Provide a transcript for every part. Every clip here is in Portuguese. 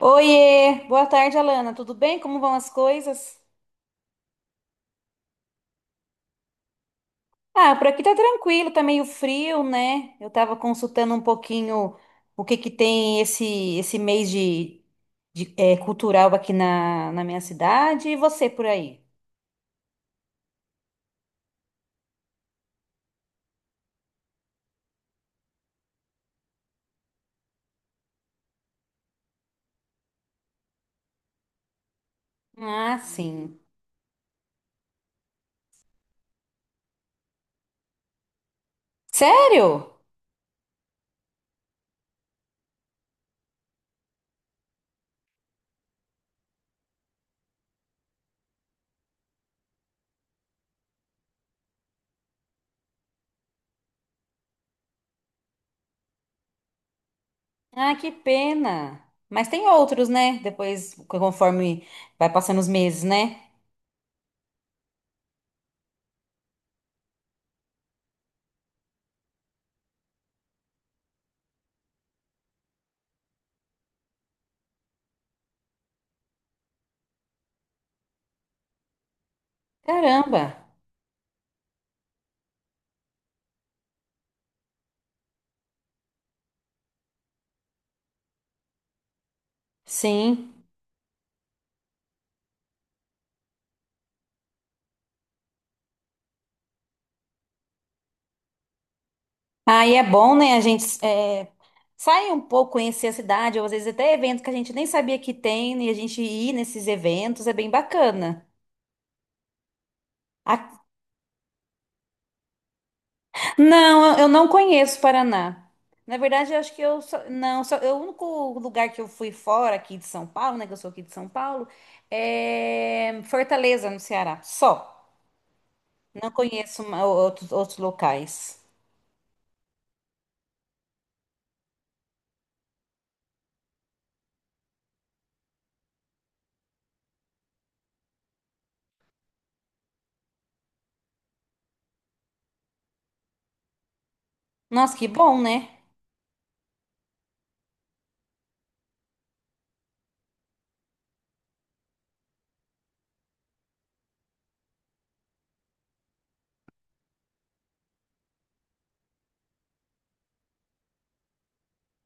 Oiê, boa tarde, Alana. Tudo bem? Como vão as coisas? Ah, por aqui tá tranquilo, tá meio frio, né? Eu tava consultando um pouquinho o que que tem esse mês de cultural aqui na minha cidade e você por aí. Ah, sim. Sério? Ah, que pena. Mas tem outros, né? Depois, conforme vai passando os meses, né? Caramba. Sim. Aí é bom, né? A gente é, sai um pouco, conhecer a cidade, ou às vezes até evento que a gente nem sabia que tem, né, e a gente ir nesses eventos é bem bacana. A- Não, eu não conheço Paraná. Na verdade, eu acho que eu só, não, só, o único lugar que eu fui fora aqui de São Paulo, né? Que eu sou aqui de São Paulo, é Fortaleza, no Ceará. Só. Não conheço outros locais. Nossa, que bom, né?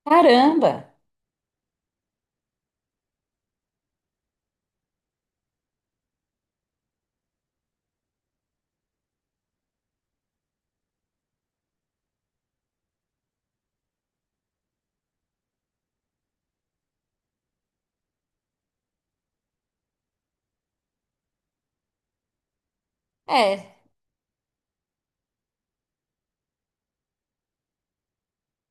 Caramba! É.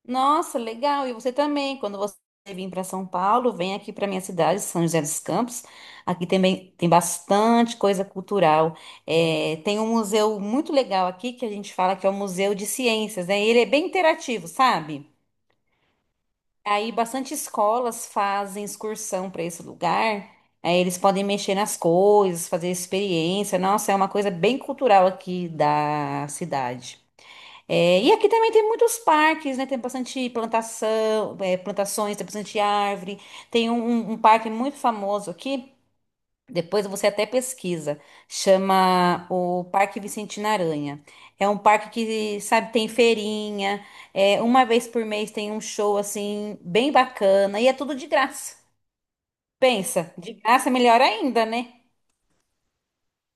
Nossa, legal. E você também, quando você vir para São Paulo, vem aqui para minha cidade, São José dos Campos. Aqui também tem bastante coisa cultural. É, tem um museu muito legal aqui que a gente fala que é o Museu de Ciências, né? Ele é bem interativo, sabe? Aí bastante escolas fazem excursão para esse lugar. Aí eles podem mexer nas coisas, fazer experiência. Nossa, é uma coisa bem cultural aqui da cidade. É, e aqui também tem muitos parques, né? Tem bastante plantação, é, plantações, tem bastante árvore. Tem um parque muito famoso aqui. Depois você até pesquisa. Chama o Parque Vicentina Aranha. É um parque que, sabe, tem feirinha. É, uma vez por mês tem um show assim bem bacana e é tudo de graça. Pensa, de graça é melhor ainda, né?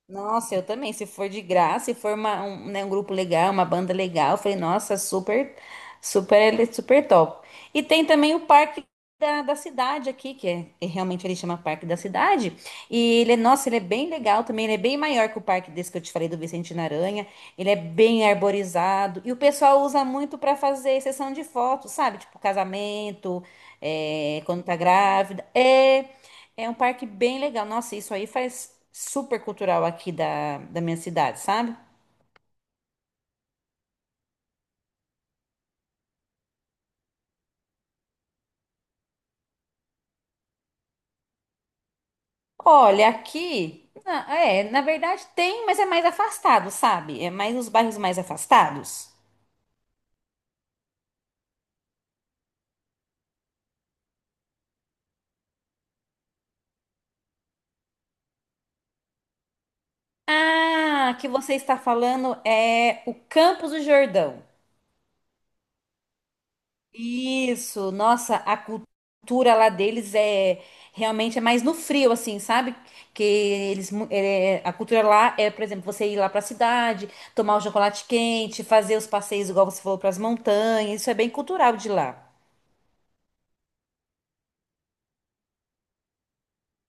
Nossa, eu também. Se for de graça, se for um, né, um grupo legal, uma banda legal, eu falei, nossa, super, super, super top. E tem também o Parque da Cidade aqui, que é realmente ele chama Parque da Cidade. E ele, nossa, ele é bem legal também. Ele é bem maior que o parque desse que eu te falei do Vicente Aranha. Ele é bem arborizado. E o pessoal usa muito para fazer sessão de fotos, sabe? Tipo casamento, é, quando tá grávida. É. É um parque bem legal. Nossa, isso aí faz super cultural aqui da minha cidade, sabe? Olha, aqui. É, na verdade tem, mas é mais afastado, sabe? É mais os bairros mais afastados. Ah, que você está falando é o Campos do Jordão. Isso, nossa, a cultura lá deles é realmente é mais no frio, assim, sabe? Que eles a cultura lá é, por exemplo, você ir lá pra cidade, tomar o chocolate quente, fazer os passeios igual você falou pras montanhas, isso é bem cultural de lá.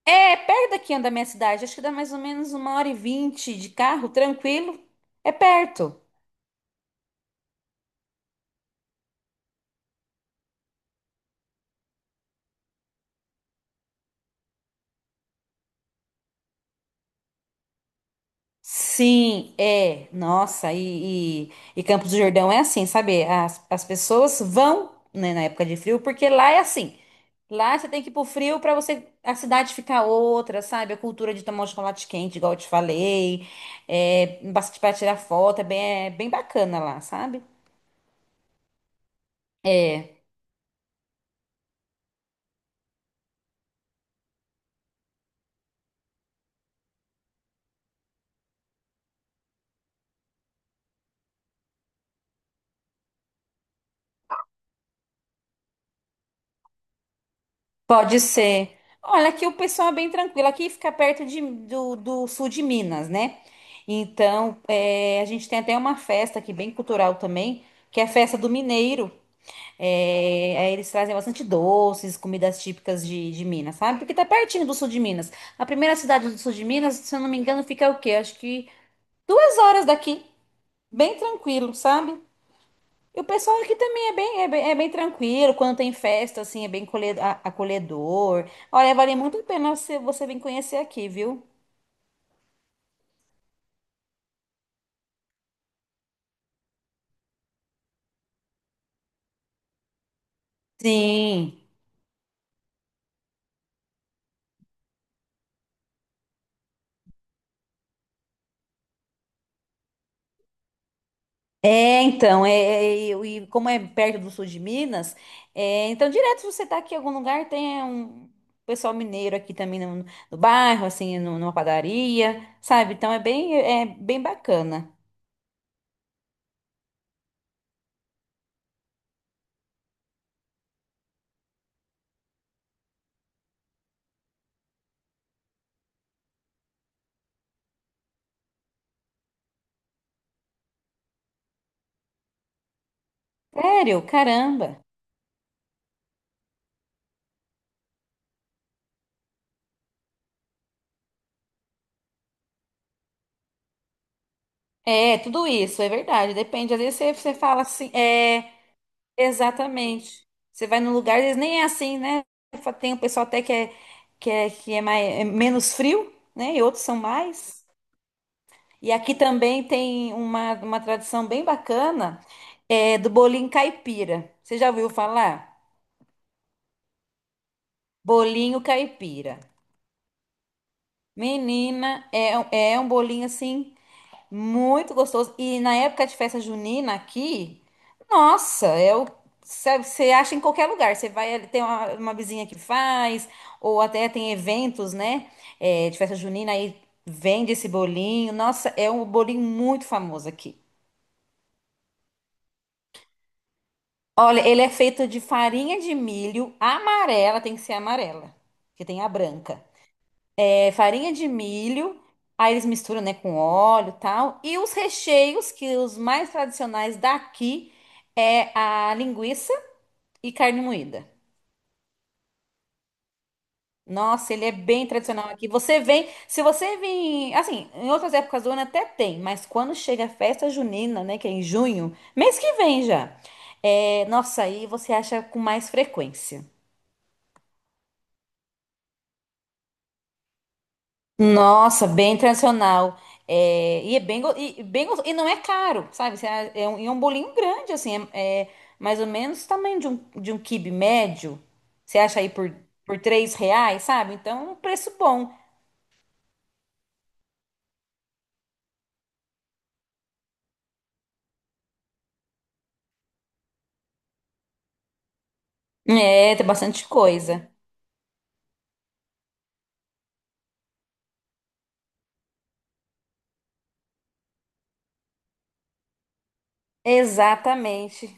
É perto daqui da minha cidade, acho que dá mais ou menos 1h20 de carro, tranquilo, é perto. Sim, é. Nossa, e Campos do Jordão é assim, sabe? As pessoas vão, né, na época de frio, porque lá é assim. Lá você tem que ir pro frio pra você a cidade ficar outra, sabe? A cultura de tomar um chocolate quente, igual eu te falei. É, bastante para tirar foto, é bem bacana lá, sabe? É. Pode ser. Olha, aqui o pessoal é bem tranquilo. Aqui fica perto do sul de Minas, né? Então, é, a gente tem até uma festa aqui, bem cultural também, que é a festa do Mineiro. É, aí eles trazem bastante doces, comidas típicas de Minas, sabe? Porque tá pertinho do sul de Minas. A primeira cidade do sul de Minas, se eu não me engano, fica o quê? Acho que 2 horas daqui. Bem tranquilo, sabe? E o pessoal aqui também é bem tranquilo, quando tem festa, assim, é bem acolhedor. Olha, vale muito a pena você, você vir conhecer aqui, viu? Sim. É, então, e como é perto do sul de Minas, é, então direto se você tá aqui em algum lugar, tem um pessoal mineiro aqui também no bairro, assim, numa padaria, sabe? Então é bem bacana. Sério? Caramba. É, tudo isso, é verdade. Depende. Às vezes você fala assim. É. Exatamente. Você vai num lugar, eles nem é assim, né? Tem o pessoal até que é mais, é menos frio, né? E outros são mais. E aqui também tem uma tradição bem bacana, é do bolinho caipira. Você já ouviu falar? Bolinho caipira. Menina, é um bolinho assim muito gostoso. E na época de festa junina aqui, nossa, é o. Sabe, você acha em qualquer lugar. Você vai, tem uma vizinha que faz, ou até tem eventos, né? É, de festa junina, aí vende esse bolinho. Nossa, é um bolinho muito famoso aqui. Olha, ele é feito de farinha de milho amarela, tem que ser amarela, porque tem a branca. É farinha de milho, aí eles misturam, né, com óleo e tal. E os recheios, que os mais tradicionais daqui é a linguiça e carne moída. Nossa, ele é bem tradicional aqui. Você vem, se você vir, assim, em outras épocas do ano até tem, mas quando chega a festa junina, né, que é em junho, mês que vem já. É, nossa, aí você acha com mais frequência. Nossa, bem tradicional. É, e é bem, e bem gostoso. E não é caro, sabe? É um, e é um bolinho grande, assim. É, é mais ou menos o tamanho de um quibe médio. Você acha aí por R$ 3, sabe? Então, um preço bom. É, tem bastante coisa. Exatamente.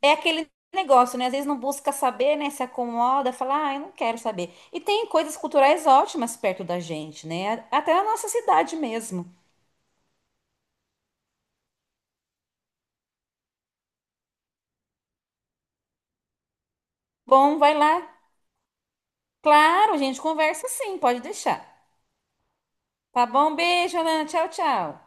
É aquele negócio, né? Às vezes não busca saber, né? Se acomoda, fala, ah, eu não quero saber. E tem coisas culturais ótimas perto da gente, né? Até a nossa cidade mesmo. Bom, vai lá. Claro, a gente conversa sim, pode deixar. Tá bom? Beijo, Alan. Tchau, tchau.